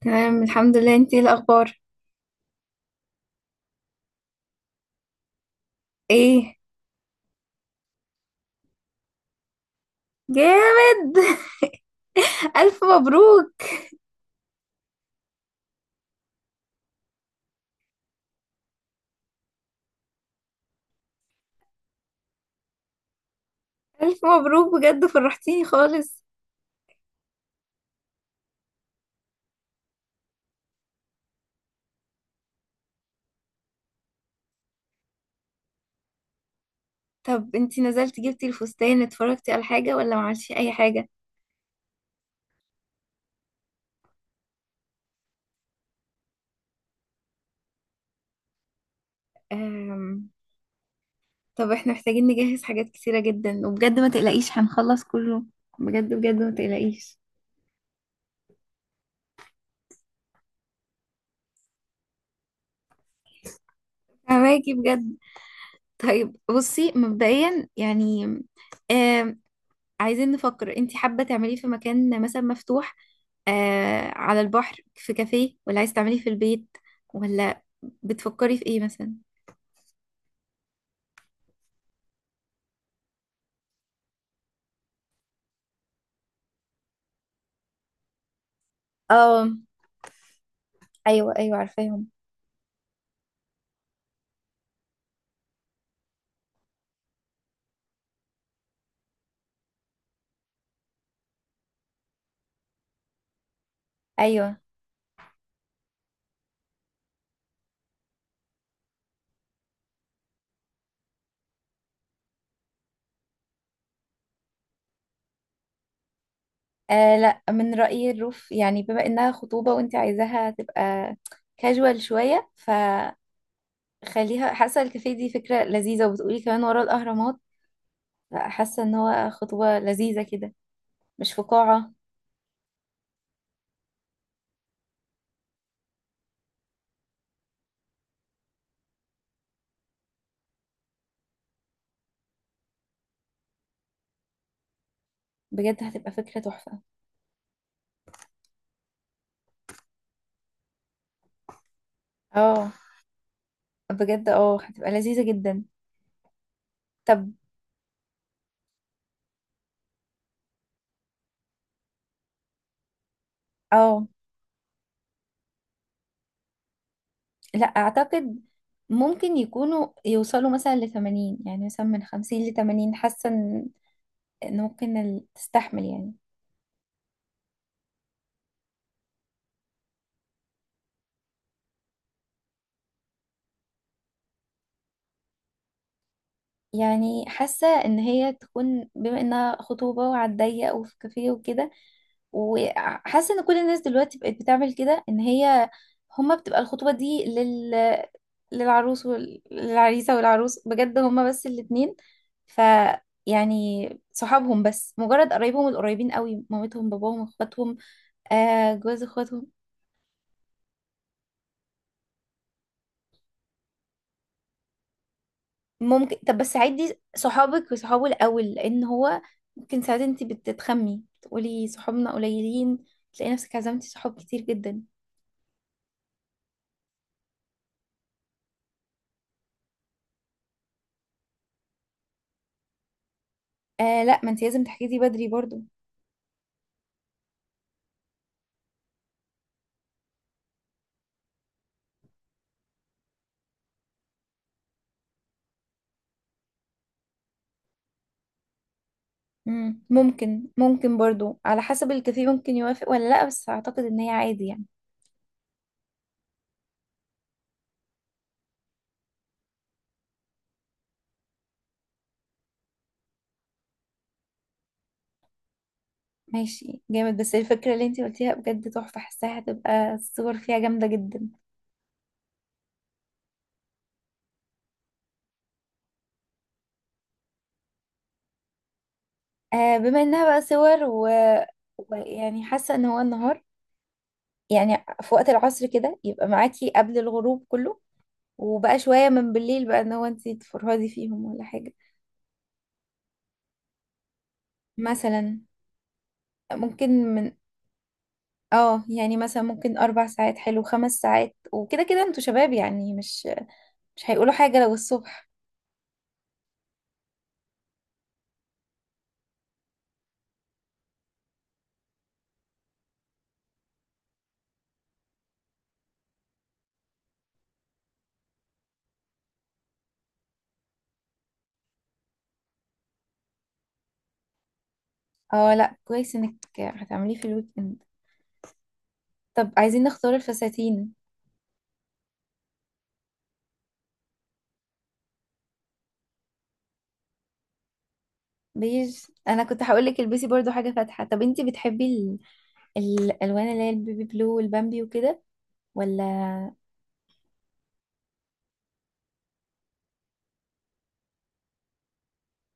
تمام الحمد لله، انتي ايه الاخبار؟ ايه؟ جامد. الف مبروك. الف مبروك بجد، فرحتيني خالص. طب انتي نزلتي جبتي الفستان اتفرجتي على حاجة ولا ما عملتي اي حاجة؟ أم... طب احنا محتاجين نجهز حاجات كتيرة جدا، وبجد ما تقلقيش هنخلص كله. بجد بجد ما تقلقيش. فهماكي بجد. طيب بصي مبدئيا يعني عايزين نفكر، انت حابة تعمليه في مكان مثلا مفتوح، آه على البحر في كافيه، ولا عايز تعمليه في البيت، ولا بتفكري في ايه مثلا؟ اه، ايوه ايوه عارفاهم. ايوه. آه لا، من رأيي الروف، يعني بما انها خطوبة وانت عايزاها تبقى كاجوال شوية فخليها. حاسة الكافيه دي فكرة لذيذة، وبتقولي كمان ورا الأهرامات، حاسة ان هو خطوبة لذيذة كده، مش في قاعة. بجد هتبقى فكرة تحفة. اه بجد، اه هتبقى لذيذة جدا. طب، اه لا اعتقد، ممكن يكونوا يوصلوا مثلا لثمانين، يعني مثلا من خمسين لثمانين، حاسة ان إن ممكن تستحمل يعني. يعني حاسة ان هي تكون بما انها خطوبة وعلى الضيق وفي كافيه وكده، وحاسة ان كل الناس دلوقتي بقت بتعمل كده، ان هي هما بتبقى الخطوبة دي لل للعروس والعريسة والعروس، بجد هما بس الاتنين، ف يعني صحابهم بس، مجرد قرايبهم القريبين قوي، مامتهم باباهم اخواتهم، آه جواز اخواتهم. ممكن، طب بس عدي صحابك وصحابه الأول لأن هو ممكن ساعات انت بتتخمي تقولي صحابنا قليلين، تلاقي نفسك عزمتي صحاب كتير جدا. آه لا، ما انت لازم تحجزي بدري برضو. مم. ممكن، ممكن برضو على حسب الكافيه، ممكن يوافق ولا لا، بس أعتقد إن هي عادي يعني. ماشي جامد، بس الفكرة اللي انت قلتيها بجد تحفة، حاساها هتبقى الصور فيها جامدة جدا. آه بما إنها بقى صور ويعني حاسة إن هو النهار، يعني في وقت العصر كده، يبقى معاكي قبل الغروب كله، وبقى شوية من بالليل، بقى ان هو انتي تفرهدي فيهم ولا حاجة. مثلا. ممكن من. اه، يعني مثلا ممكن اربع ساعات، حلو، خمس ساعات، وكده كده انتوا شباب يعني مش مش هيقولوا حاجة لو الصبح. اه لا، كويس انك هتعمليه في الويك اند. طب عايزين نختار الفساتين. بيج، انا كنت هقولك البسي برضو حاجة فاتحة. طب انتي بتحبي الالوان اللي هي البيبي بلو والبامبي وكده، ولا؟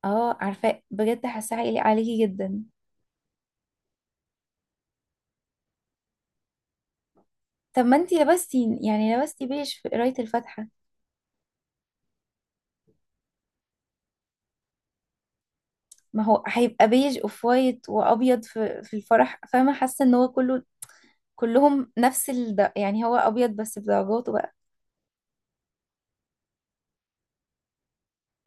اه عارفة، بجد حاسة هيليق عليكي جدا. طب ما انتي لبستي، يعني لبستي بيج في قراية الفاتحة. ما هو هيبقى بيج اوف وايت وابيض، في الفرح، فاهمه؟ حاسه ان هو كله، كلهم نفس يعني هو ابيض بس بدرجاته بقى.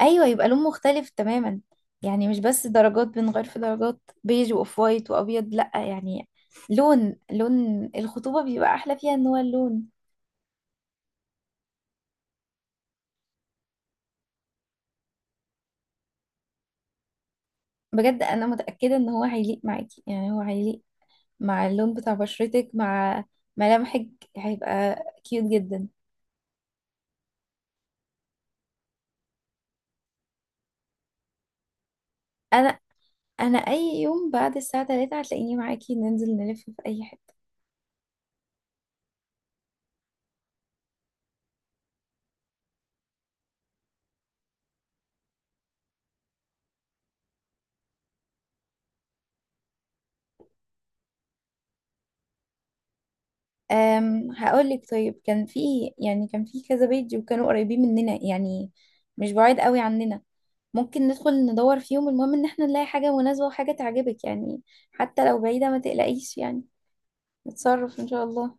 ايوه، يبقى لون مختلف تماما، يعني مش بس درجات، بنغير في درجات بيج واوف وايت وابيض. لا، يعني لون، لون الخطوبه بيبقى احلى فيها ان هو اللون. بجد انا متاكده ان هو هيليق معاكي، يعني هو هيليق مع اللون بتاع بشرتك، مع ملامحك، هيبقى كيوت جدا. انا انا اي يوم بعد الساعه 3 هتلاقيني معاكي، ننزل نلف في اي حته. أم، هقول لك، طيب كان في، يعني كان في كذا بيت وكانوا قريبين مننا، يعني مش بعيد قوي عننا. ممكن ندخل ندور فيهم، المهم ان احنا نلاقي حاجه مناسبه وحاجه تعجبك يعني، حتى لو بعيده ما تقلقيش يعني، نتصرف ان شاء الله.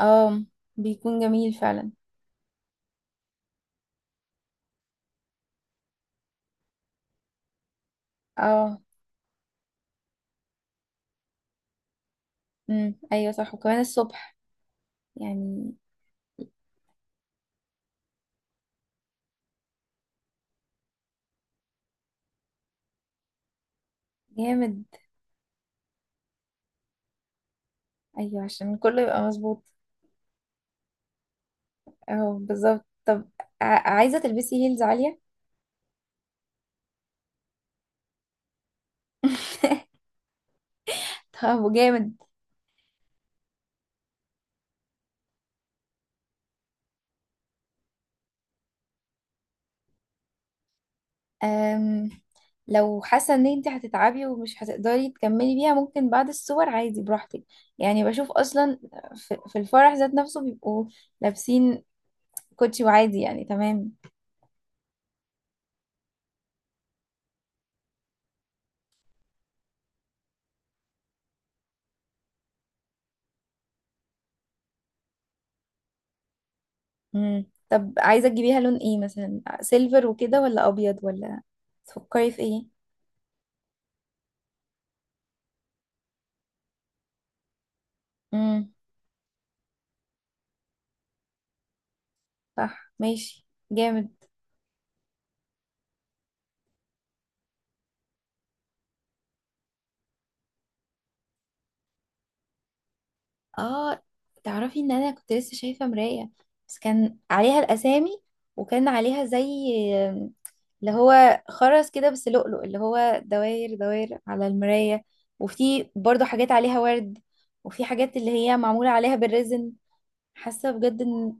اه بيكون جميل فعلا. اه. امم، ايوه صح، وكمان الصبح يعني. جامد. ايوه عشان كله يبقى مظبوط. اهو بالظبط. طب، عايزة تلبسي هيلز عالية؟ طب جامد. أم... لو حاسة ان انت هتتعبي ومش هتقدري تكملي بيها، ممكن بعد الصور عادي براحتك. يعني بشوف اصلا في الفرح ذات نفسه بيبقوا لابسين كوتشي، وعادي يعني، تمام. مم. طب عايزة تجيبيها لون ايه، مثلا سيلفر وكده، ولا ابيض، ولا تفكري في ايه؟ امم. صح ماشي جامد. اه تعرفي، ان انا كنت لسه شايفة مراية، بس كان عليها الاسامي، وكان عليها زي اللي هو خرز كده بس لؤلؤ، اللي هو دوائر دوائر على المراية، وفي برضو حاجات عليها ورد، وفي حاجات اللي هي معمولة عليها بالريزن. حاسة بجد ان.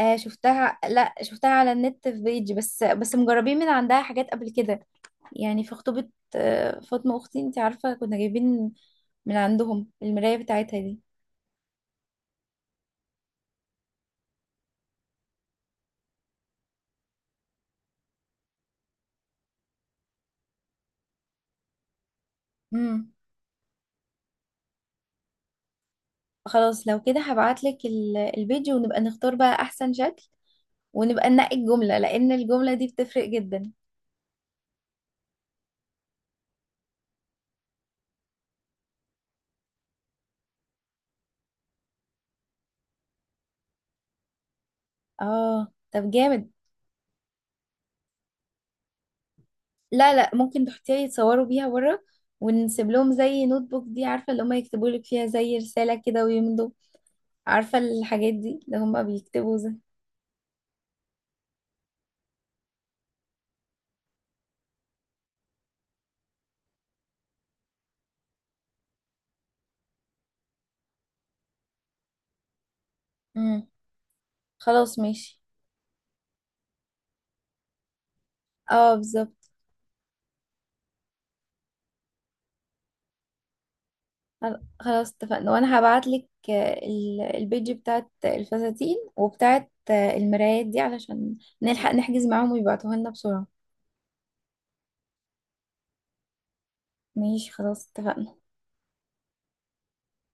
آه شفتها، لا شفتها على النت في بيج، بس بس مجربين من عندها حاجات قبل كده، يعني في خطوبة فاطمة اختي، انت عارفة كنا جايبين من عندهم المراية بتاعتها دي. امم. خلاص لو كده هبعتلك الفيديو، ونبقى نختار بقى احسن شكل، ونبقى ننقي الجملة، لان الجملة دي بتفرق جدا. اه طب جامد. لا لا، ممكن تحطيها يتصوروا بيها بره، ونسيب لهم زي نوت بوك دي، عارفة اللي هما يكتبوا لك فيها زي رسالة كده ويمضوا، عارفة الحاجات دي اللي هما بيكتبوا زي. امم. خلاص ماشي. اه بالظبط. خلاص اتفقنا، وانا هبعتلك البيج بتاعت الفساتين وبتاعت المرايات دي علشان نلحق نحجز معاهم ويبعتوها لنا بسرعة. ماشي خلاص اتفقنا.